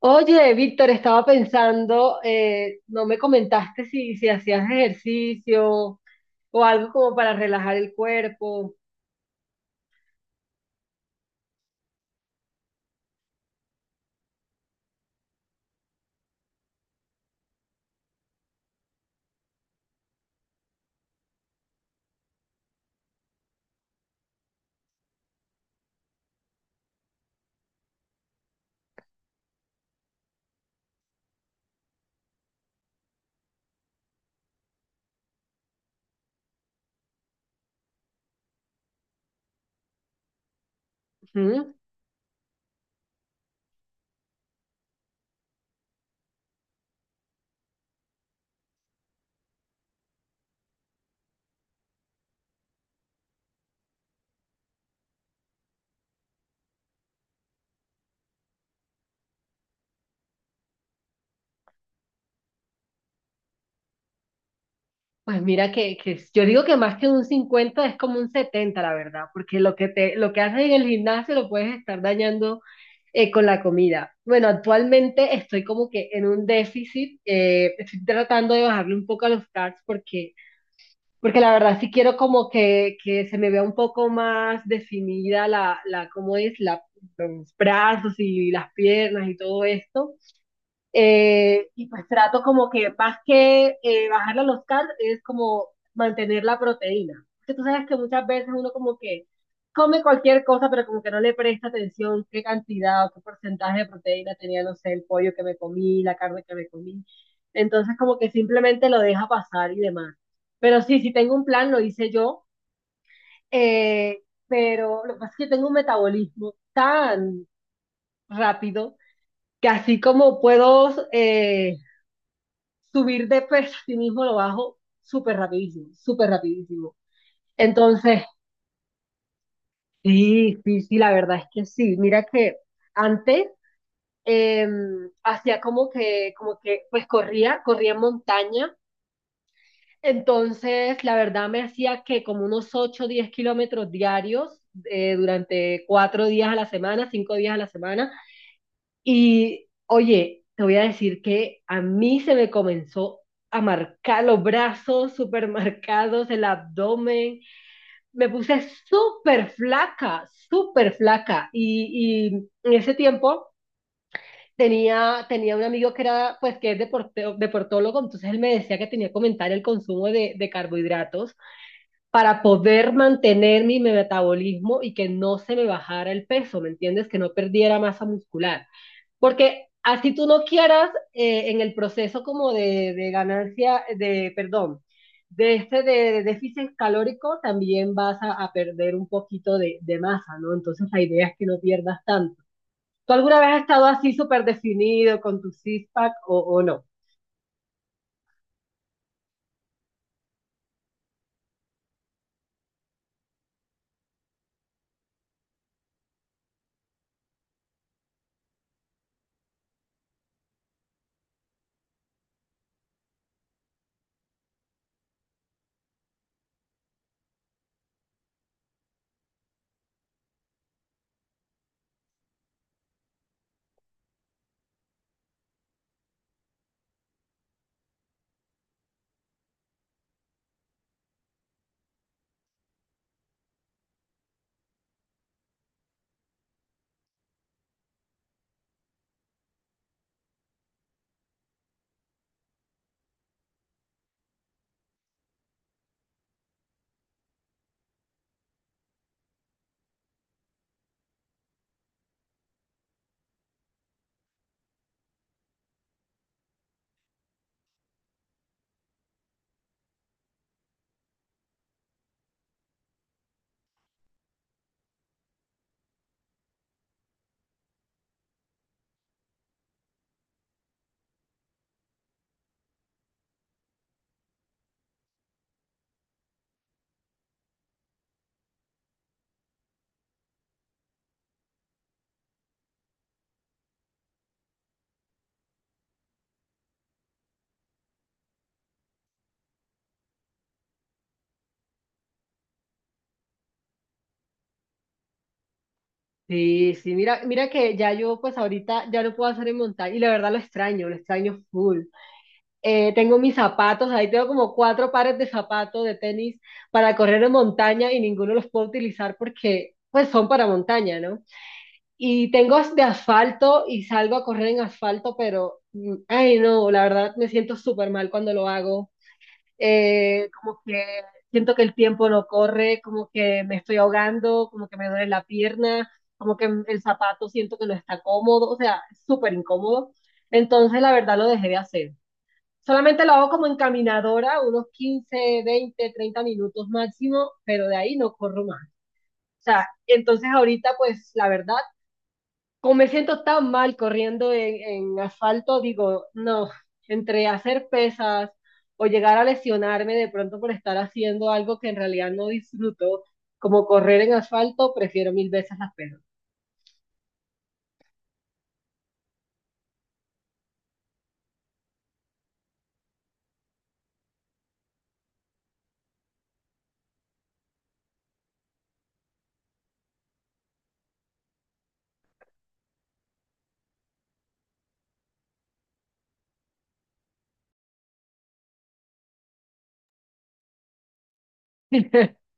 Oye, Víctor, estaba pensando, no me comentaste si hacías ejercicio o algo como para relajar el cuerpo. Ujú. Pues mira que yo digo que más que un 50 es como un 70, la verdad, porque lo que lo que haces en el gimnasio lo puedes estar dañando con la comida. Bueno, actualmente estoy como que en un déficit, estoy tratando de bajarle un poco a los carbs porque porque la verdad sí quiero como que se me vea un poco más definida ¿cómo es? Los brazos y las piernas y todo esto. Y pues trato como que más que bajarle los carbs, es como mantener la proteína. Porque tú sabes que muchas veces uno como que come cualquier cosa, pero como que no le presta atención qué cantidad o qué porcentaje de proteína tenía, no sé, el pollo que me comí, la carne que me comí. Entonces como que simplemente lo deja pasar y demás. Pero sí, si tengo un plan, lo hice yo, pero lo que pasa es que tengo un metabolismo tan rápido que así como puedo subir de peso a sí mismo lo bajo súper rapidísimo, súper rapidísimo. Entonces, sí, sí, sí, la verdad es que sí. Mira que antes eh, hacía como pues corría en montaña. Entonces, la verdad me hacía que como unos 8 o 10 kilómetros diarios durante 4 días a la semana, 5 días a la semana. Y oye, te voy a decir que a mí se me comenzó a marcar los brazos súper marcados, el abdomen. Me puse súper flaca, súper flaca. Y en ese tiempo tenía un amigo que era, pues, que es deportólogo, entonces él me decía que tenía que aumentar el consumo de carbohidratos para poder mantener mi metabolismo y que no se me bajara el peso, ¿me entiendes? Que no perdiera masa muscular. Porque así tú no quieras, en el proceso como de ganancia, de, perdón, de de déficit calórico, también vas a perder un poquito de masa, ¿no? Entonces la idea es que no pierdas tanto. ¿Tú alguna vez has estado así súper definido con tu six-pack o no? Sí, sí, mira, mira que ya yo pues ahorita ya no puedo hacer en montaña y la verdad lo extraño full. Tengo mis zapatos, ahí tengo como 4 pares de zapatos de tenis para correr en montaña y ninguno los puedo utilizar porque pues son para montaña, ¿no? Y tengo de asfalto y salgo a correr en asfalto, pero, ay no, la verdad me siento súper mal cuando lo hago. Como que siento que el tiempo no corre, como que me estoy ahogando, como que me duele la pierna, como que el zapato siento que no está cómodo, o sea, es súper incómodo. Entonces, la verdad lo dejé de hacer. Solamente lo hago como encaminadora, unos 15, 20, 30 minutos máximo, pero de ahí no corro más. O sea, entonces ahorita pues la verdad, como me siento tan mal corriendo en asfalto, digo, no, entre hacer pesas o llegar a lesionarme de pronto por estar haciendo algo que en realidad no disfruto, como correr en asfalto, prefiero mil veces las pesas.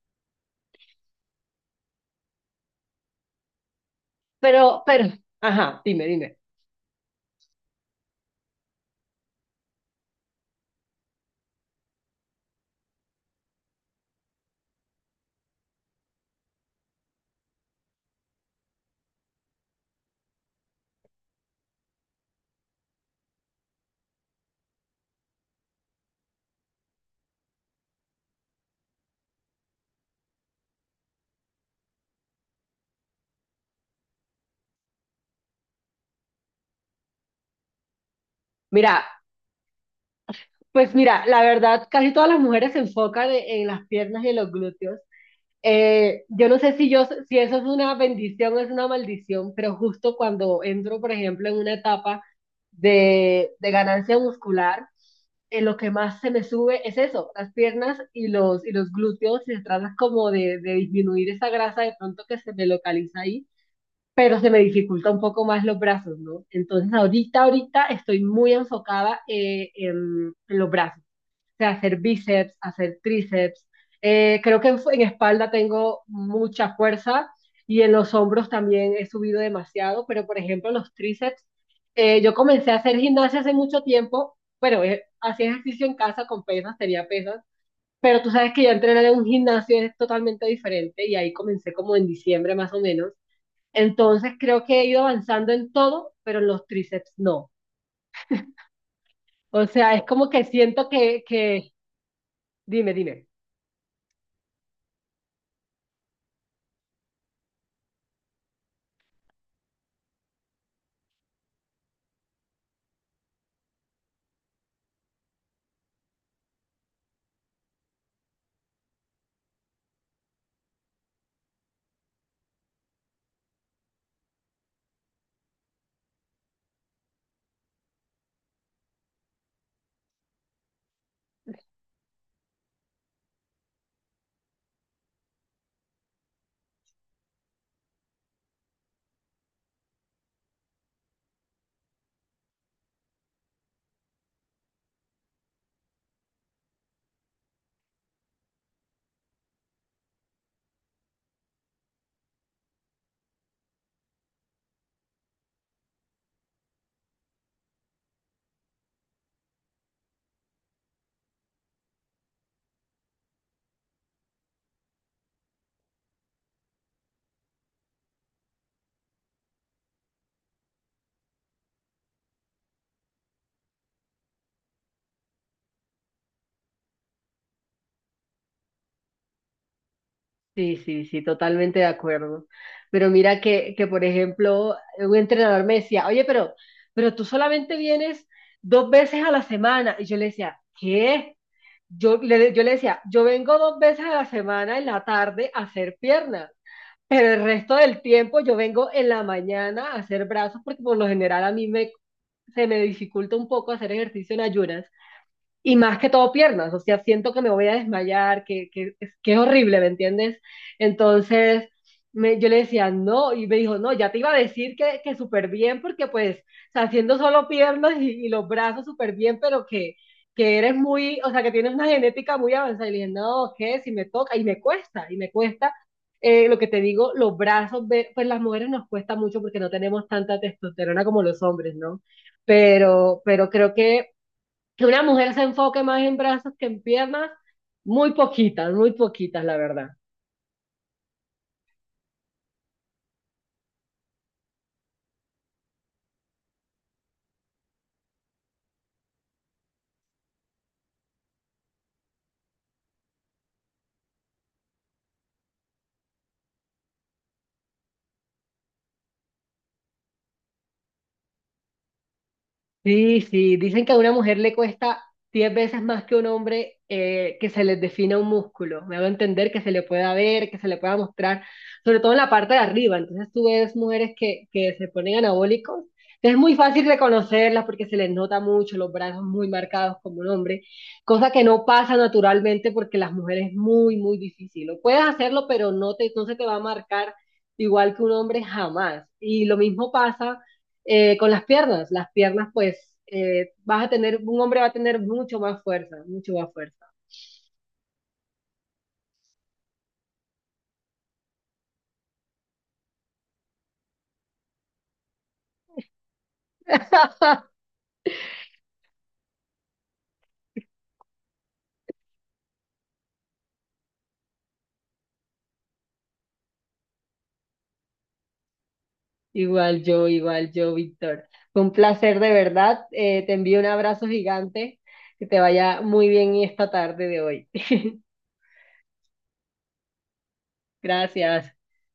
Pero, pero, ajá, dime, dime. Mira, pues mira, la verdad, casi todas las mujeres se enfocan en las piernas y en los glúteos. Yo no sé si yo, si eso es una bendición o es una maldición, pero justo cuando entro, por ejemplo, en una etapa de ganancia muscular, lo que más se me sube es eso, las piernas y y los glúteos, se trata como de disminuir esa grasa de pronto que se me localiza ahí, pero se me dificulta un poco más los brazos, ¿no? Entonces ahorita estoy muy enfocada en los brazos sea, hacer bíceps, hacer tríceps. Creo que en espalda tengo mucha fuerza y en los hombros también he subido demasiado, pero por ejemplo los tríceps, yo comencé a hacer gimnasia hace mucho tiempo, bueno, hacía ejercicio en casa con pesas, tenía pesas, pero tú sabes que ya entrenar en un gimnasio es totalmente diferente y ahí comencé como en diciembre más o menos. Entonces creo que he ido avanzando en todo, pero en los tríceps no. O sea, es como que siento que... Dime, dime. Sí, sí, sí, totalmente de acuerdo. Pero mira por ejemplo, un entrenador me decía, oye, pero tú solamente vienes dos veces a la semana. Y yo le decía, ¿qué? Yo le decía, yo vengo dos veces a la semana en la tarde a hacer piernas, pero el resto del tiempo yo vengo en la mañana a hacer brazos, porque por lo general a se me dificulta un poco hacer ejercicio en ayunas. Y más que todo piernas, o sea, siento que me voy a desmayar, que es horrible, ¿me entiendes? Entonces, yo le decía, no, y me dijo, no, ya te iba a decir que súper bien, porque pues, o sea, haciendo solo piernas y los brazos súper bien, pero que eres muy, o sea, que tienes una genética muy avanzada. Y le dije, no, ¿qué? Si me toca, y me cuesta, lo que te digo, los brazos, pues las mujeres nos cuesta mucho porque no tenemos tanta testosterona como los hombres, ¿no? Pero creo que una mujer se enfoque más en brazos que en piernas, muy poquitas, la verdad. Sí, sí, dicen que a una mujer le cuesta 10 veces más que a un hombre que se les defina un músculo. Me hago entender que se le pueda ver, que se le pueda mostrar, sobre todo en la parte de arriba. Entonces tú ves mujeres que se ponen anabólicos. Es muy fácil reconocerlas porque se les nota mucho los brazos muy marcados como un hombre, cosa que no pasa naturalmente porque las mujeres es muy, muy difícil. Lo puedes hacerlo, pero no te, no se te va a marcar igual que un hombre jamás. Y lo mismo pasa con las piernas pues vas a tener, un hombre va a tener mucho más fuerza, mucho más fuerza. Igual yo, Víctor. Fue un placer de verdad. Te envío un abrazo gigante. Que te vaya muy bien esta tarde de hoy. Gracias.